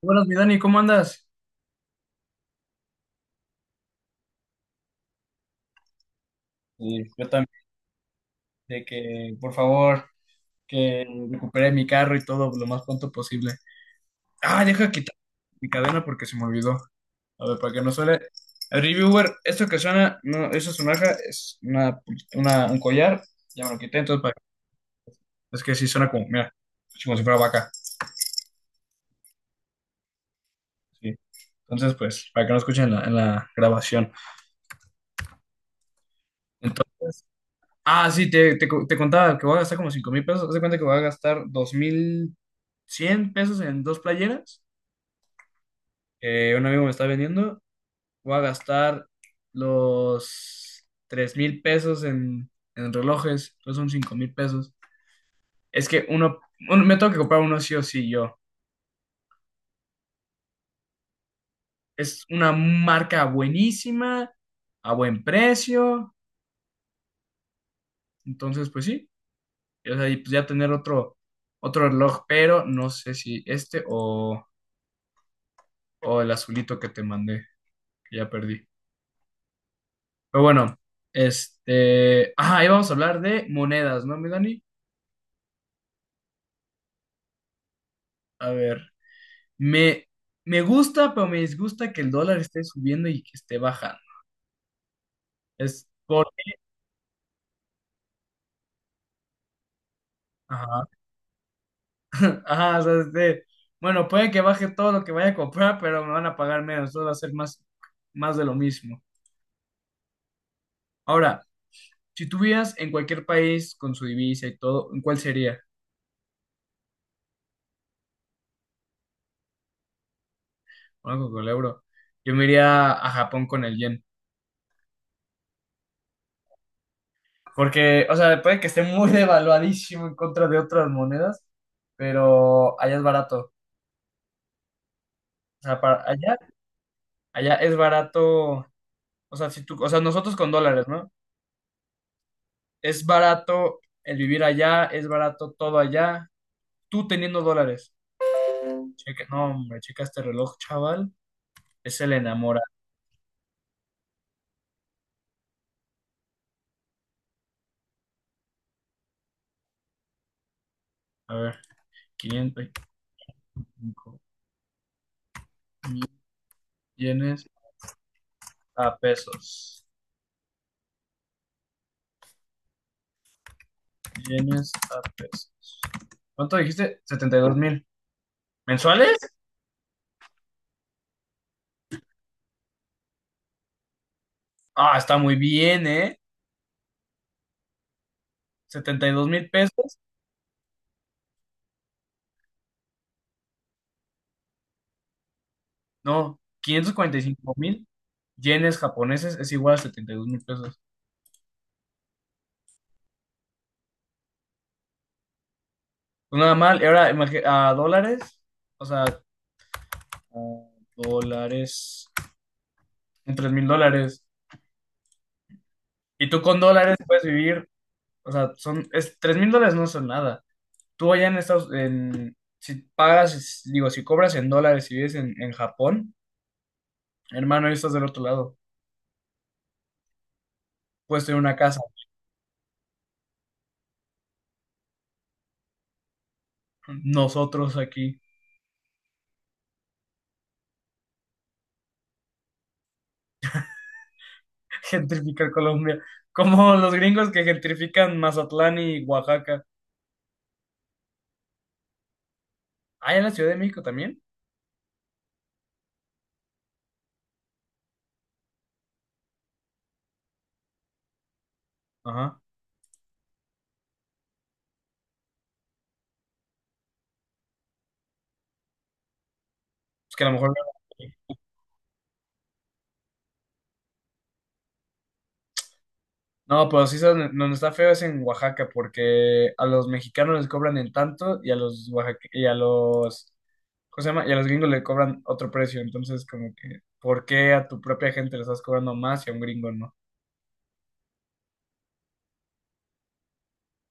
Buenas, mi Dani, ¿cómo andas? Sí, yo también, de que por favor, que recupere mi carro y todo lo más pronto posible. Ah, deja quitar mi cadena porque se me olvidó. A ver, para que no suene. El reviewer, esto que suena, no, eso es una aja, es un collar, ya me lo quité, entonces para- es que sí suena como, mira, como si fuera vaca. Sí. Entonces, pues, para que no escuchen en la grabación. Entonces, ah, sí, te contaba que voy a gastar como 5,000 pesos. Haz de cuenta que voy a gastar 2,100 pesos en dos playeras, que un amigo me está vendiendo. Voy a gastar los 3,000 pesos en relojes. Entonces son 5,000 pesos. Es que uno, me tengo que comprar uno sí o sí yo. Es una marca buenísima, a buen precio. Entonces, pues sí. O sea, y pues ya tener otro reloj, pero no sé si este o. O el azulito que te mandé, que ya perdí. Pero bueno, este. Ah, ahí vamos a hablar de monedas, ¿no, mi Dani? A ver, me, me gusta, pero me disgusta que el dólar esté subiendo y que esté bajando. Es porque. Ajá. Ajá, o sea, este, bueno, puede que baje todo lo que vaya a comprar, pero me van a pagar menos. Entonces va a ser más, más de lo mismo. Ahora, si tú vivieras en cualquier país con su divisa y todo, ¿en cuál sería? Bueno, con el euro. Yo me iría a Japón con el yen. Porque, o sea, puede que esté muy devaluadísimo en contra de otras monedas, pero allá es barato. O sea, para allá, allá es barato. O sea, si tú, o sea, nosotros con dólares, ¿no? Es barato el vivir allá, es barato todo allá. Tú teniendo dólares. Checa, no, hombre, checa este reloj, chaval. Ese le enamora. A ver, 505,000 yenes a pesos. Yenes a pesos. ¿Cuánto dijiste? 72,000. ¿Mensuales? Ah, está muy bien, ¿eh? 72,000 pesos. No, 545,000 yenes japoneses es igual a 72,000 pesos. Pues nada mal. Y ahora, a dólares. O sea, a dólares. Son 3 mil dólares. Y tú con dólares puedes vivir. O sea, 3,000 dólares no son nada. Tú allá en Estados en, si pagas, digo, si cobras en dólares y vives en Japón, hermano, ahí estás del otro lado. Puedes tener una casa. Nosotros aquí. Gentrificar Colombia. Como los gringos que gentrifican Mazatlán y Oaxaca. Ah, en la Ciudad de México también. Ajá. Es que a lo mejor. No, no, pero sí, donde está feo es en Oaxaca, porque a los mexicanos les cobran en tanto y a los y a los. ¿Cómo se llama? Y a los gringos le cobran otro precio. Entonces, como que, ¿por qué a tu propia gente le estás cobrando más y a un gringo no?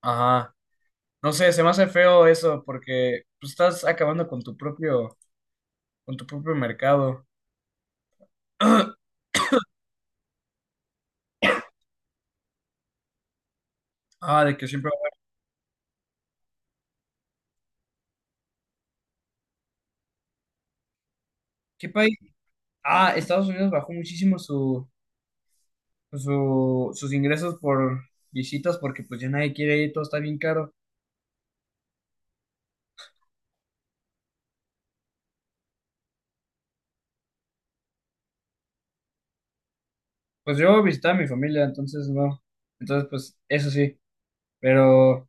Ajá. No sé, se me hace feo eso, porque pues, estás acabando con tu propio mercado. Ah, de que siempre. ¿Qué país? Ah, Estados Unidos bajó muchísimo su, sus ingresos por visitas porque pues ya nadie quiere ir, todo está bien caro. Pues yo visitaba a mi familia, entonces no. Entonces pues eso sí, pero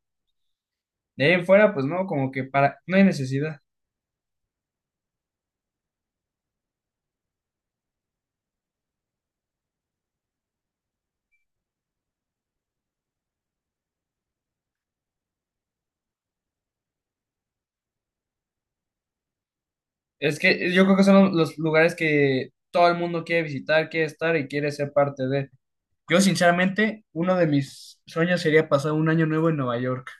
de ahí en fuera pues no, como que para, no hay necesidad. Es que yo creo que son los lugares que todo el mundo quiere visitar, quiere estar y quiere ser parte de. Yo sinceramente, uno de mis sueños sería pasar un año nuevo en Nueva York.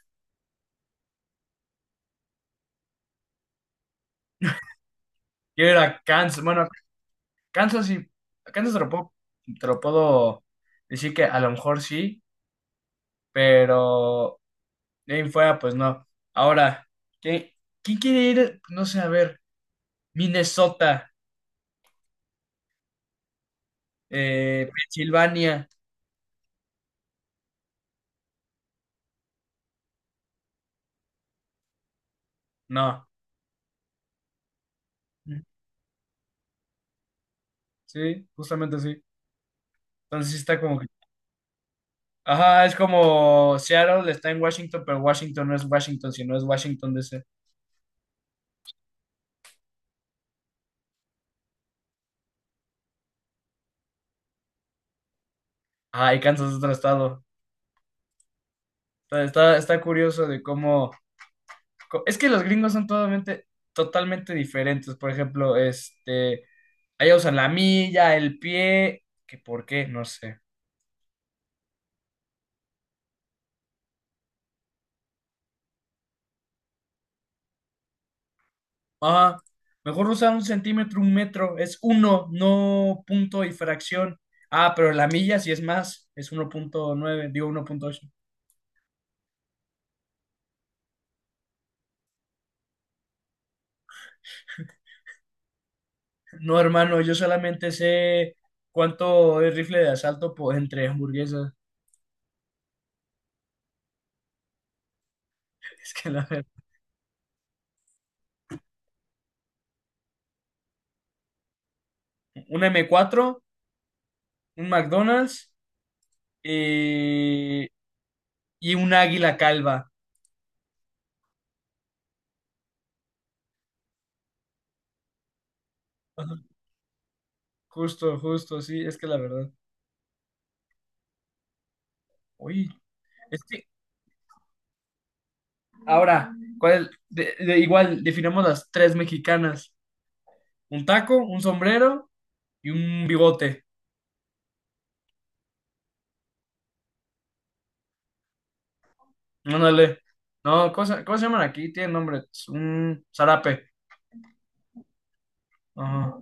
Quiero ir a Kansas, bueno, Kansas sí, Kansas te lo puedo decir que a lo mejor sí, pero de ahí en fuera, pues no. Ahora, ¿quién, quién quiere ir? No sé, a ver, Minnesota, Pensilvania, no. Sí, justamente sí. Entonces sí está como que. Ajá, es como Seattle está en Washington, pero Washington no es Washington, sino es Washington DC. Ajá, y Kansas es otro estado. Está curioso de cómo es que los gringos son totalmente, totalmente diferentes. Por ejemplo, este, allá usan la milla, el pie, que por qué, no sé. Ajá. Mejor usar un centímetro, un metro, es uno, no punto y fracción. Ah, pero la milla sí es más, es 1.9, digo, 1.8. No, hermano, yo solamente sé cuánto es rifle de asalto por, entre hamburguesas. Es que la verdad, un M4, un McDonald's y, y un águila calva. Justo, justo, sí, es que la verdad. Oye, es que ahora, ¿cuál? Igual, definamos las tres mexicanas. Un taco, un sombrero y un bigote. Ándale. No, ¿ cómo se llaman aquí? Tienen nombre. Es un zarape. Ajá.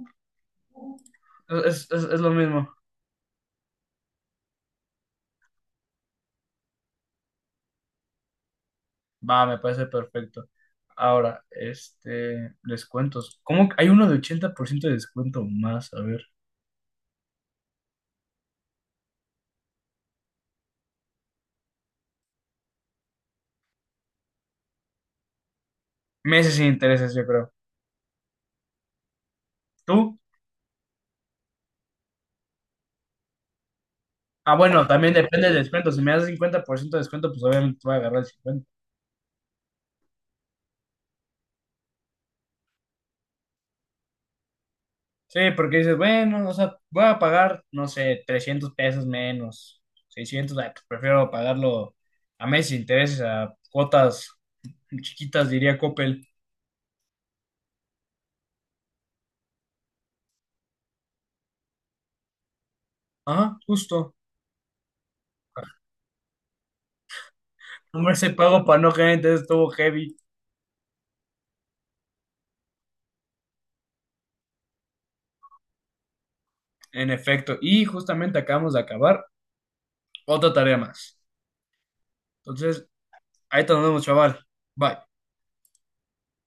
Es, es lo mismo. Va, me parece perfecto. Ahora, este, descuentos. ¿Cómo? Que hay uno de 80% de descuento más, a ver. Meses sin intereses, yo creo. ¿Tú? Ah, bueno, también depende del descuento. Si me das 50% de descuento, pues obviamente voy a agarrar el 50. Sí, porque dices, bueno, o sea, voy a pagar, no sé, 300 pesos menos, 600. Ay, pues prefiero pagarlo a meses sin intereses, a cuotas chiquitas, diría Coppel. Ajá, justo. Hombre, ese pago para no generar entonces estuvo heavy, en efecto. Y justamente acabamos de acabar otra tarea más. Entonces, ahí te nos vemos, chaval. Bye.